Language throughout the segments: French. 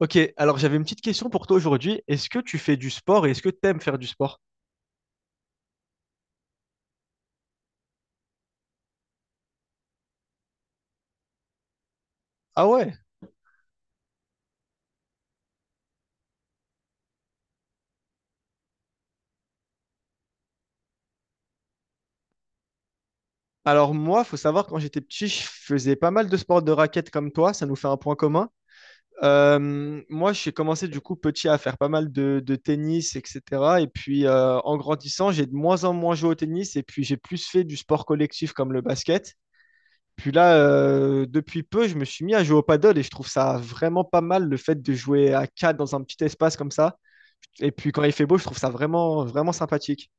Ok, alors j'avais une petite question pour toi aujourd'hui. Est-ce que tu fais du sport et est-ce que tu aimes faire du sport? Ah ouais. Alors moi, faut savoir, quand j'étais petit, je faisais pas mal de sports de raquettes comme toi, ça nous fait un point commun. Moi, j'ai commencé du coup petit à faire pas mal de tennis, etc. Et puis en grandissant, j'ai de moins en moins joué au tennis et puis j'ai plus fait du sport collectif comme le basket. Puis là, depuis peu, je me suis mis à jouer au paddle et je trouve ça vraiment pas mal le fait de jouer à 4 dans un petit espace comme ça. Et puis quand il fait beau, je trouve ça vraiment, vraiment sympathique.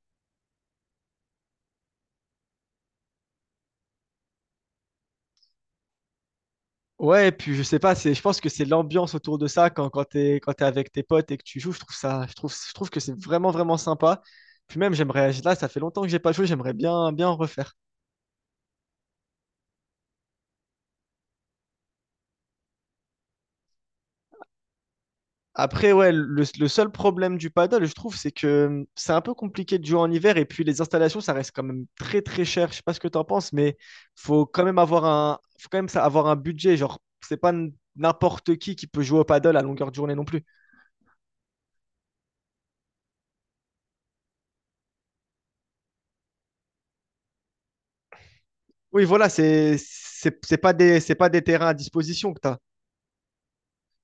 Ouais, et puis je sais pas, c'est, je pense que c'est l'ambiance autour de ça quand, quand t'es avec tes potes et que tu joues, je trouve ça, je trouve que c'est vraiment, vraiment sympa. Puis même, j'aimerais, là, ça fait longtemps que j'ai pas joué, j'aimerais bien, bien en refaire. Après, ouais, le seul problème du paddle, je trouve, c'est que c'est un peu compliqué de jouer en hiver et puis les installations, ça reste quand même très très cher. Je sais pas ce que tu en penses, mais faut quand même avoir un, faut quand même avoir un budget. Genre, c'est pas n'importe qui peut jouer au paddle à longueur de journée non plus. Oui, voilà, c'est pas des terrains à disposition que t'as.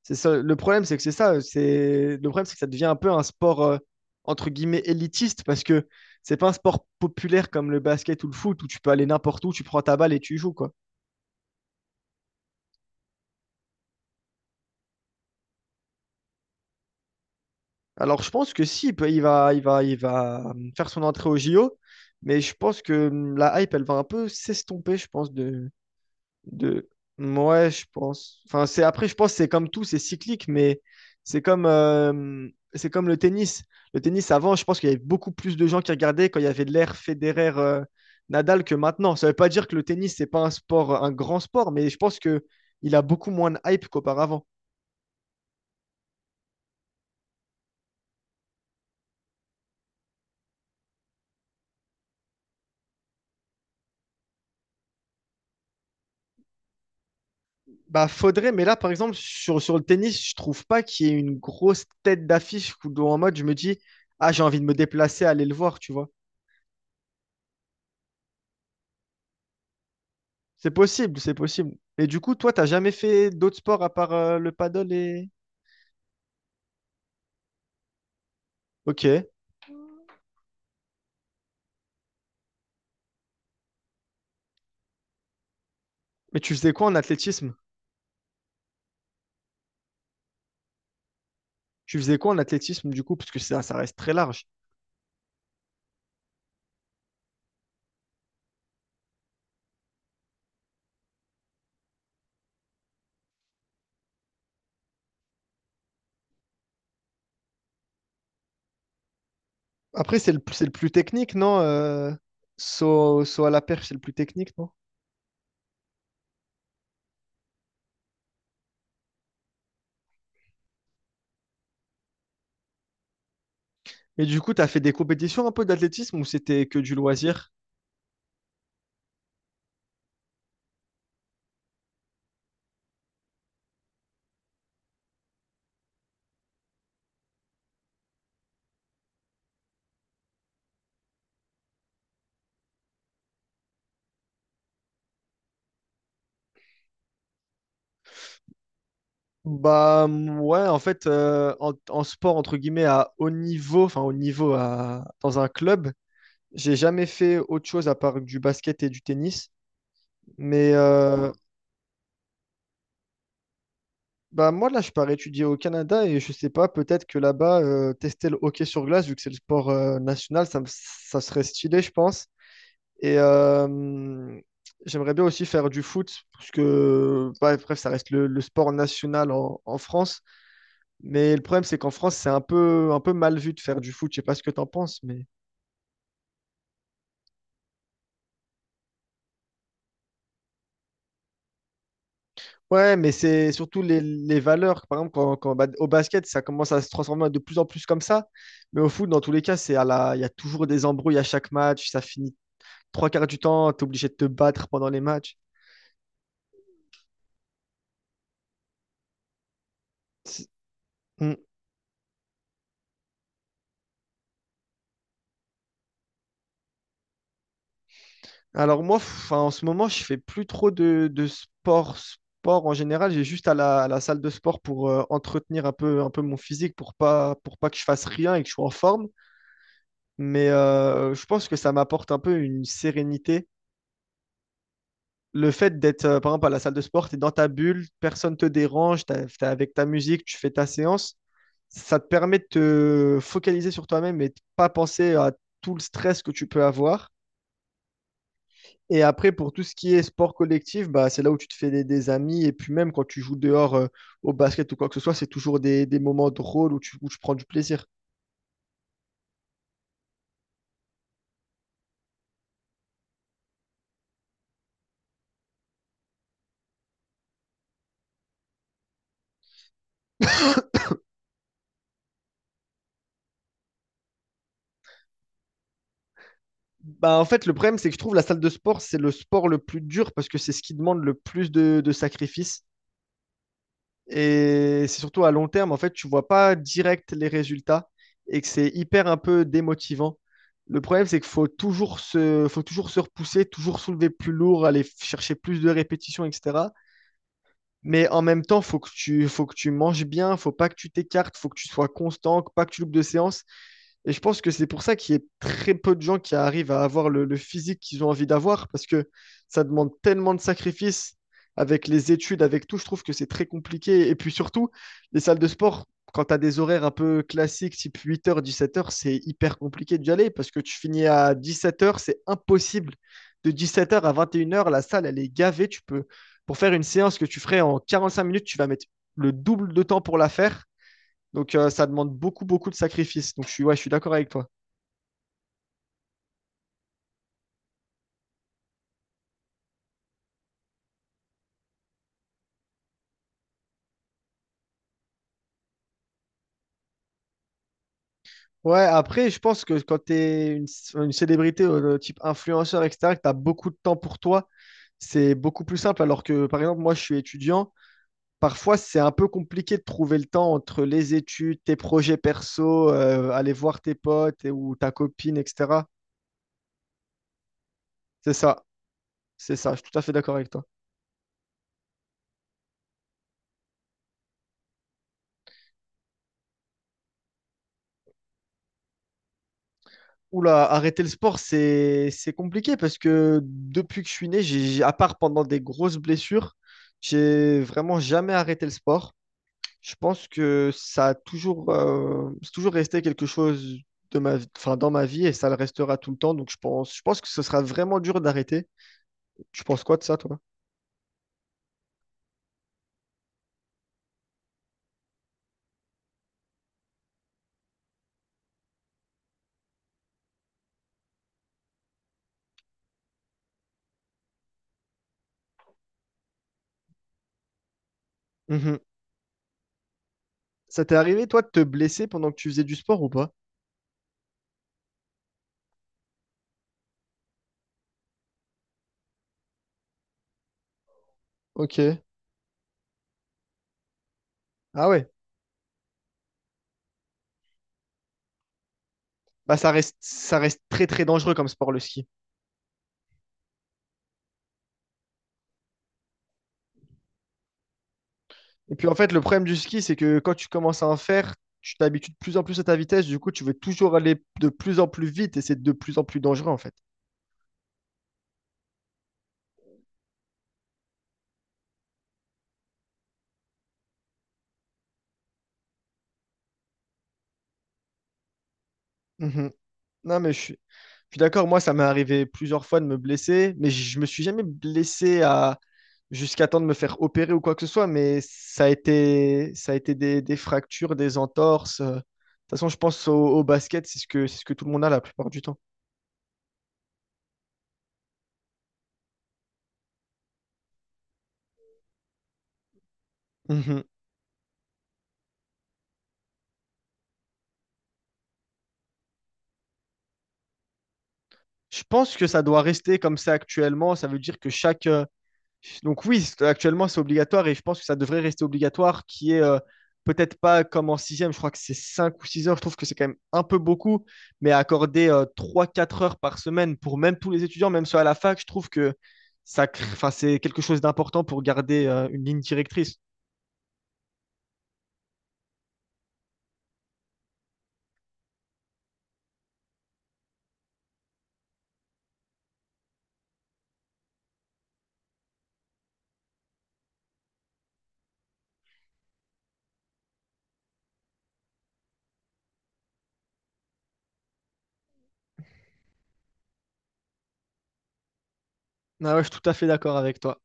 C'est ça. Le problème, c'est que c'est ça. C'est le problème, c'est que ça devient un peu un sport entre guillemets élitiste parce que c'est pas un sport populaire comme le basket ou le foot où tu peux aller n'importe où, tu prends ta balle et tu y joues, quoi. Alors, je pense que si, il peut- il va, il va, il va faire son entrée au JO, mais je pense que la hype, elle va un peu s'estomper, je pense, de... Ouais, je pense. Enfin, c'est après, je pense, que c'est comme tout, c'est cyclique, mais c'est comme, euh, c'est comme le tennis. Le tennis, avant, je pense qu'il y avait beaucoup plus de gens qui regardaient quand il y avait l'ère Federer, Nadal que maintenant. Ça veut pas dire que le tennis, c'est pas un sport, un grand sport, mais je pense que il a beaucoup moins de hype qu'auparavant. Bah, faudrait, mais là, par exemple, sur le tennis, je trouve pas qu'il y ait une grosse tête d'affiche où, dont en mode, je me dis, ah, j'ai envie de me déplacer, aller le voir, tu vois. C'est possible, c'est possible. Et du coup, toi, t'as jamais fait d'autres sports à part le paddle et. Ok. Mais tu faisais quoi en athlétisme? Tu faisais quoi en athlétisme, du coup? Parce que ça reste très large. Après, c'est le plus technique, non? Saut à la perche, c'est le plus technique, non? Mais du coup, t'as fait des compétitions un peu d'athlétisme ou c'était que du loisir? Ouais, en fait, en sport entre guillemets à haut niveau, enfin haut niveau à, dans un club, j'ai jamais fait autre chose à part du basket et du tennis. Mais euh, Bah moi là, je pars étudier au Canada et je sais pas, peut-être que là-bas, tester le hockey sur glace, vu que c'est le sport national, ça serait stylé, je pense. Et euh, mm, J'aimerais bien aussi faire du foot, parce que bah, bref, ça reste le sport national en en France. Mais le problème, c'est qu'en France, c'est un peu mal vu de faire du foot. Je sais pas ce que tu en penses, mais. Ouais, mais c'est surtout les valeurs. Par exemple, bah, au basket, ça commence à se transformer de plus en plus comme ça. Mais au foot, dans tous les cas, c'est à la... il y a toujours des embrouilles à chaque match. Ça finit trois quarts du temps. Tu es obligé de te battre pendant les matchs. C'est- Mm. Alors, moi, enfin, en ce moment, je fais plus trop de sport, sport en général. J'ai juste à la salle de sport pour entretenir un peu mon physique, pour pas que je fasse rien et que je sois en forme. Je pense que ça m'apporte un peu une sérénité. Le fait d'être, par exemple, à la salle de sport, tu es dans ta bulle, personne te dérange, tu es avec ta musique, tu fais ta séance. Ça te permet de te focaliser sur toi-même et de pas penser à tout le stress que tu peux avoir. Et après, pour tout ce qui est sport collectif, bah, c'est là où tu te fais des amis. Et puis même quand tu joues dehors, au basket ou quoi que ce soit, c'est toujours des moments drôles où où tu prends du plaisir. Bah, en fait, le problème, c'est que je trouve la salle de sport, c'est le sport le plus dur parce que c'est ce qui demande le plus de sacrifices. Et c'est surtout à long terme, en fait, tu vois pas direct les résultats et que c'est hyper un peu démotivant. Le problème, c'est qu'il faut faut toujours se repousser, toujours soulever plus lourd, aller chercher plus de répétitions, etc. Mais en même temps, faut que tu manges bien, faut pas que tu t'écartes, faut que tu sois constant, pas que tu loupes de séances. Et je pense que c'est pour ça qu'il y a très peu de gens qui arrivent à avoir le physique qu'ils ont envie d'avoir, parce que ça demande tellement de sacrifices avec les études, avec tout. Je trouve que c'est très compliqué. Et puis surtout, les salles de sport, quand tu as des horaires un peu classiques, type 8 h, 17 heures, c'est hyper compliqué d'y aller, parce que tu finis à 17 heures, c'est impossible. De 17 heures à 21 heures, la salle, elle est gavée. Tu peux, pour faire une séance que tu ferais en 45 minutes, tu vas mettre le double de temps pour la faire donc, ça demande beaucoup, beaucoup de sacrifices. Donc, ouais, je suis d'accord avec toi. Ouais, après, je pense que quand une célébrité type influenceur, etc., que tu as beaucoup de temps pour toi, c'est beaucoup plus simple. Alors que, par exemple, moi, je suis étudiant. Parfois, c'est un peu compliqué de trouver le temps entre les études, tes projets perso, aller voir tes potes ou ta copine, etc. C'est ça, c'est ça. Je suis tout à fait d'accord avec toi. Oula, arrêter le sport, c'est compliqué parce que depuis que je suis né, à part pendant des grosses blessures, j'ai vraiment jamais arrêté le sport. Je pense que ça a toujours, c'est toujours resté quelque chose enfin, dans ma vie et ça le restera tout le temps. Donc je pense que ce sera vraiment dur d'arrêter. Tu penses quoi de ça, toi? Mhm. Ça t'est arrivé, toi, de te blesser pendant que tu faisais du sport ou pas? Ok. Ah ouais. Bah ça reste très très dangereux comme sport, le ski. Et puis en fait, le problème du ski, c'est que quand tu commences à en faire, tu t'habitues de plus en plus à ta vitesse. Du coup, tu veux toujours aller de plus en plus vite et c'est de plus en plus dangereux en fait. Mhm. Non, mais je suis d'accord. Moi, ça m'est arrivé plusieurs fois de me blesser, mais je me suis jamais blessé à, jusqu'à temps de me faire opérer ou quoi que ce soit, mais ça a été des fractures, des entorses. De toute façon, je pense au basket, c'est ce que tout le monde a la plupart du temps. Mhm. Je pense que ça doit rester comme ça actuellement. Ça veut dire que chaque, donc oui, actuellement c'est obligatoire et je pense que ça devrait rester obligatoire, qui est peut-être pas comme en sixième, je crois que c'est 5 ou 6 heures, je trouve que c'est quand même un peu beaucoup, mais accorder 3 4 heures par semaine pour même tous les étudiants, même ceux à la fac, je trouve que enfin, c'est quelque chose d'important pour garder une ligne directrice. Ah ouais, je suis tout à fait d'accord avec toi.